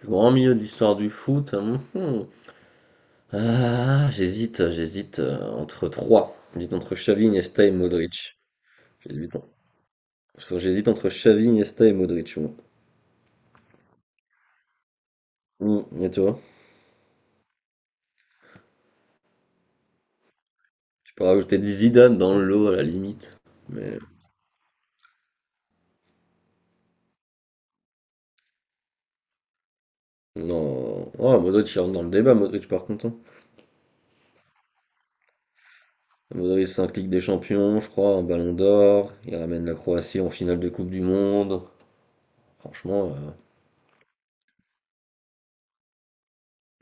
Plus grand milieu de l'histoire du foot. Hum, hum. Ah, j'hésite entre trois. J'hésite entre Xavi, Iniesta et Modric. J'hésite non. Parce que j'hésite entre Xavi, Iniesta et Modric, moi. Hum. Et toi? Tu peux rajouter des Zidane dans le lot à la limite. Mais non. Oh, Modric il rentre dans le débat, Modric par contre, hein. Modric, c'est un clic des champions, je crois, un ballon d'or. Il ramène la Croatie en finale de Coupe du Monde. Franchement,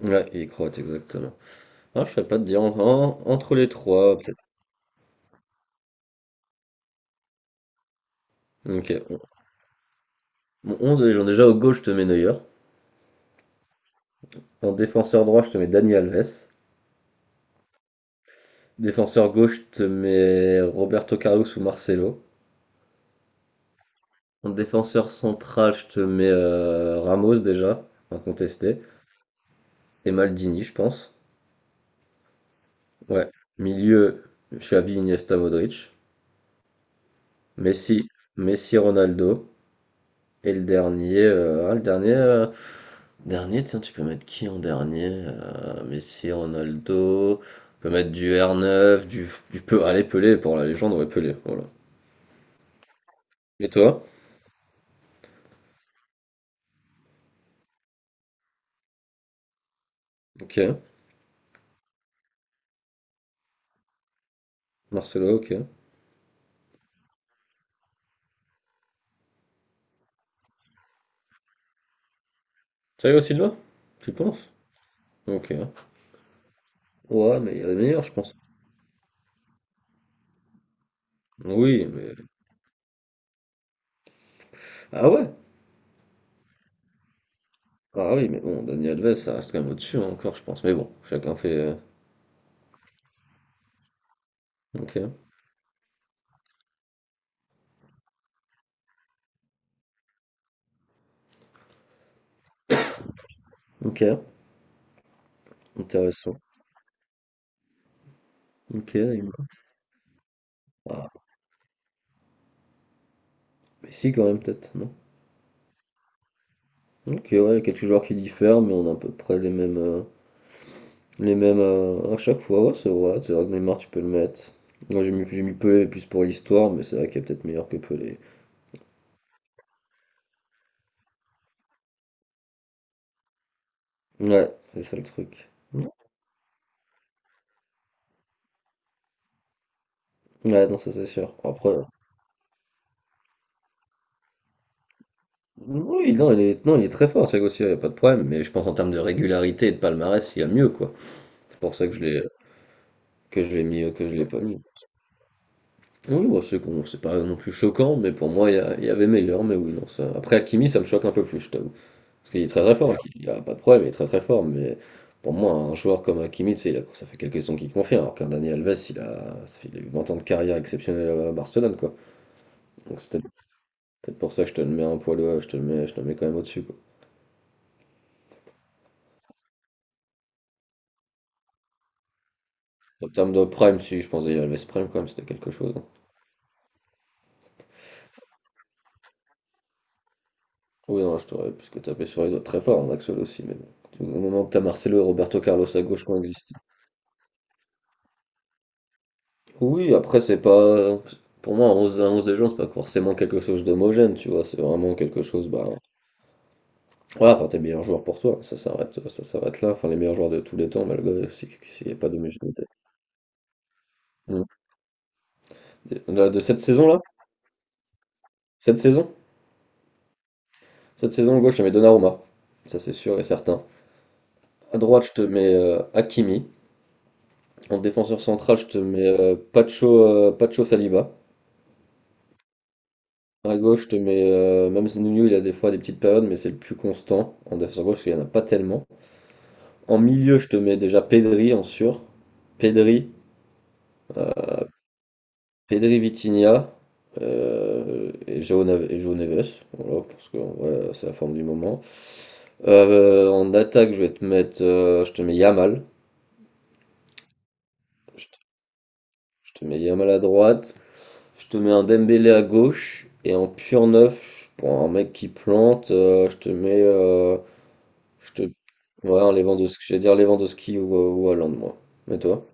ouais, il est croate, exactement. Ah, je sais pas te dire entre, entre les trois, peut-être. Ok, mon 11, de légende, déjà au gauche, je te mets Neuer. En défenseur droit, je te mets Dani Alves. Défenseur gauche, je te mets Roberto Carlos ou Marcelo. En défenseur central, je te mets Ramos déjà, incontesté. Et Maldini, je pense. Ouais. Milieu, Xavi, Iniesta, Modric. Messi, Ronaldo. Et le dernier, hein, tiens, tu peux mettre qui en dernier? Messi, Ronaldo, on peut mettre du R9, allez, Pelé, pour la légende, ouais, Pelé, voilà. Et toi? Ok. Marcelo, ok. Thiago Silva? Tu penses? Ok. Ouais, mais il y a des meilleurs, je pense. Oui, mais. Ah ouais? Ah oui, mais bon, Daniel Alves, ça reste quand même au-dessus, hein, encore, je pense. Mais bon, chacun fait. Ok. Ok. Intéressant. Ok. Ah, Messi quand même, peut-être, non? Ok, ouais, il y a quelques joueurs qui diffèrent, mais on a à peu près les mêmes. Les mêmes à chaque fois, ouais, c'est vrai. C'est vrai que Neymar, tu peux le mettre. Moi, j'ai mis Pelé plus pour l'histoire, mais c'est vrai qu'il est peut-être meilleur que Pelé. Ouais, c'est ça le truc. Ouais, non, ça c'est sûr. Après, oui, non, il est, non, il est très fort, Thiago Silva, il n'y a pas de problème, mais je pense en termes de régularité et de palmarès, il y a mieux, quoi. C'est pour ça que que je l'ai pas mis. Oui, bon, c'est con, c'est pas non plus choquant, mais pour moi, il y avait meilleur, mais oui, non, ça. Après, Hakimi, ça me choque un peu plus, je t'avoue. Parce qu'il est très très fort. Ouais. Il n'y a pas de problème, il est très très fort, mais pour moi, un joueur comme Hakimi, tu sais, ça fait quelques saisons qu'il confirme, alors qu'un Dani Alves, il a eu 20 ans de carrière exceptionnelle à Barcelone, quoi. Donc c'est peut-être pour ça que je te le mets un poil, je te le mets quand même au-dessus, quoi. En termes de prime, si, je pense Dani Alves prime quand même, c'était quelque chose, hein. Oui, non, je t'aurais plus que tapé sur les doigts très fort, en Axel aussi, mais bon. Au moment que t'as Marcelo et Roberto Carlos à gauche qui ont existé. Oui, après, c'est pas. Pour moi, un 11 à 11 des gens, c'est pas forcément quelque chose d'homogène, tu vois. C'est vraiment quelque chose, bah, ouais, enfin, tes meilleurs joueurs pour toi, ça s'arrête là. Enfin, les meilleurs joueurs de tous les temps, malgré si, s'il n'y a pas d'homogénéité. Mm. Là, de cette saison-là, cette saison, à gauche, je te mets Donnarumma, ça c'est sûr et certain. À droite, je te mets Hakimi. En défenseur central, je te mets Pacho Saliba. À gauche, je te mets même Nuno, il a des fois des petites périodes, mais c'est le plus constant en défenseur gauche, parce qu'il n'y en a pas tellement. En milieu, je te mets déjà Pedri en sûr. Pedri, Vitinha et João Neves. Voilà, parce que voilà, c'est la forme du moment. En attaque, je vais te mettre. Je te mets Yamal. Je te, je te mets Yamal à droite. Je te mets un Dembélé à gauche. Et en pur neuf, pour un mec qui plante, je te mets. Je te, ouais, un Lewandowski. J'allais dire Lewandowski ou Haaland, moi. Mais toi?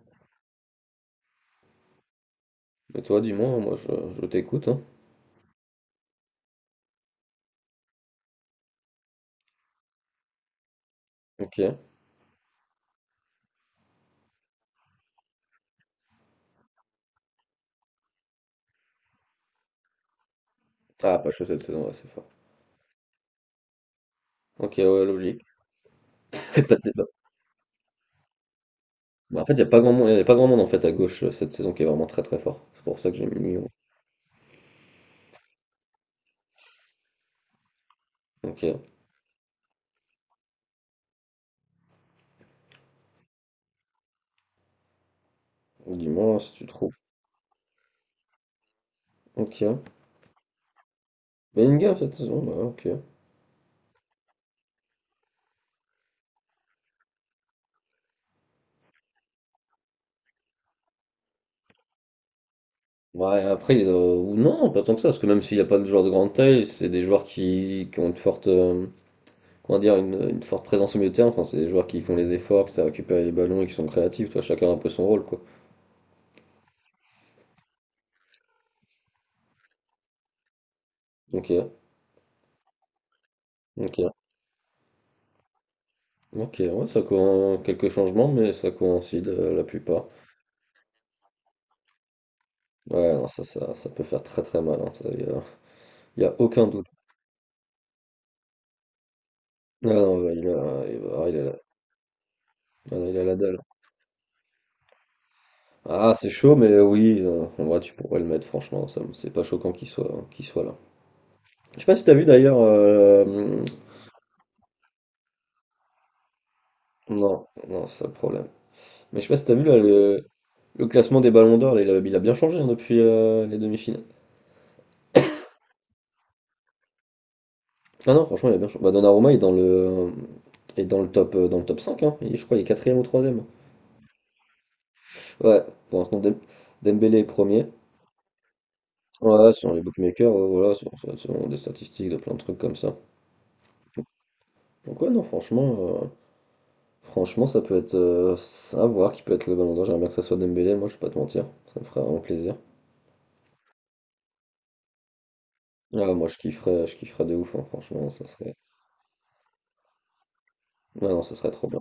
Mais toi, dis-moi, moi je t'écoute. Hein. Ok. Ah, pas chaud cette saison, ouais, c'est fort. Ok, ouais, logique. Pas de débat. Bah, en fait, il n'y a pas grand monde, y a pas grand monde en fait à gauche cette saison qui est vraiment très très fort. C'est pour ça que j'ai mis Lyon. Ok. Dis-moi si tu trouves. Ok. Bellingham cette saison, ouais, ok. Ouais, après, ou non, pas tant que ça, parce que même s'il n'y a pas de joueurs de grande taille, c'est des joueurs qui ont une forte, comment dire, une forte présence au milieu de terrain. Enfin, c'est des joueurs qui font les efforts, qui savent récupérer les ballons et qui sont créatifs. Toi, chacun a un peu son rôle, quoi. Ok. Ok. Ok. Ouais, quelques changements, mais ça coïncide la plupart. Ouais, non, ça peut faire très très mal, hein. Ça, il n'y a aucun doute. Ah non, bah, il a, il va- ah, il a, la ah, non, il a la dalle. Ah, c'est chaud, mais oui, non, en vrai, tu pourrais le mettre, franchement, c'est pas choquant qu'il soit là. Je sais pas si t'as vu d'ailleurs. Non, non, c'est ça le problème. Mais je sais pas si t'as vu là le classement des Ballons d'Or, là, il a bien changé, hein, depuis les demi-finales. Ah non, franchement, il a bien changé. Bah, Donnarumma est dans le top cinq, hein. Il est, je crois, il est quatrième ou troisième. Ouais, pour l'instant, Dembélé est premier. Ouais, sur les bookmakers, voilà, sur des statistiques, de plein de trucs comme ça. Donc ouais, non, euh, franchement, ça peut être à voir qui peut être le bon endroit. J'aimerais bien que ça soit Dembélé, moi, je vais pas te mentir, ça me ferait vraiment plaisir. Ah, moi, je kifferais de ouf, hein, franchement, ça serait. Ah non, ça serait trop bien.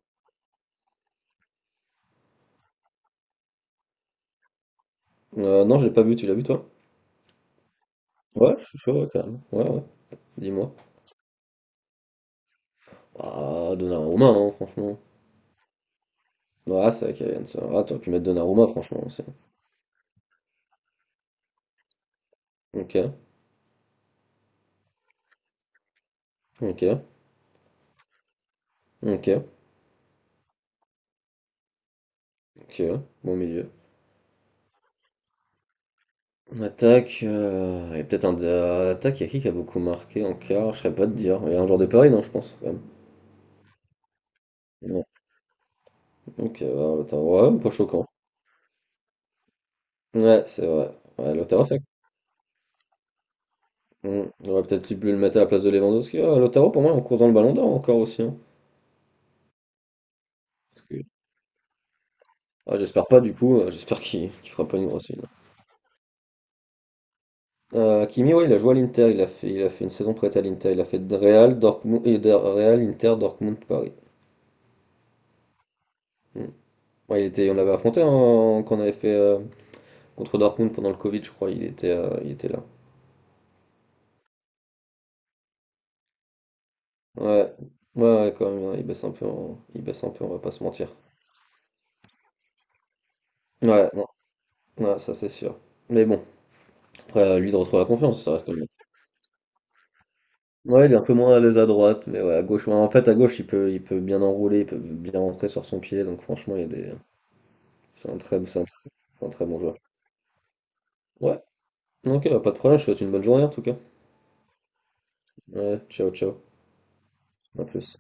Non, je l'ai pas vu, tu l'as vu, toi? Ouais, je suis chaud, ouais, quand même. Ouais, ouais, dis-moi. Ah, Donnarumma, hein, franchement. Ah, c'est vrai qu'il y a une. Ah, t'aurais pu mettre Donnarumma, franchement, aussi. Ok, ok, ok, ok, bon milieu. Attaque, et peut-être un. Attaque, il y a qui a beaucoup marqué en quart? Je serais pas de dire. Il y a un joueur de Paris, non, je pense, quand même. Non. Ok, bah, Lautaro, ouais, pas choquant. Ouais, c'est vrai. Ouais, Lautaro, c'est vrai Hmm. J'aurais peut-être dû le mettre à la place de Lewandowski. Ah, Lautaro, pour moi, on court dans le ballon d'or encore aussi, hein. Parce que- Ah, j'espère pas, du coup. J'espère qu'il fera pas une grosse une. Kimi, ouais, il a joué à l'Inter. Il a fait une saison prête à l'Inter. Il a fait de Real, Dortmund, et de Real, Inter, Dortmund, Paris. Hmm. Ouais, il était, on l'avait affronté, hein, quand on avait fait contre Dortmund pendant le Covid, je crois. Il était là. Ouais, ouais, ouais, quand même, hein, il baisse un peu, on va pas se mentir. Ouais, bon. Ouais, ça c'est sûr. Mais bon, après, à lui de retrouver la confiance, ça reste quand même. Ouais, il est un peu moins à l'aise à droite, mais ouais, à gauche. Ouais, en fait, à gauche, il peut bien enrouler, il peut bien rentrer sur son pied, donc franchement, il y a des. C'est un très, c'est un très, c'est un très bon joueur. Ouais, ok, bah, pas de problème, je te souhaite une bonne journée en tout cas. Ouais, ciao, ciao, à plus.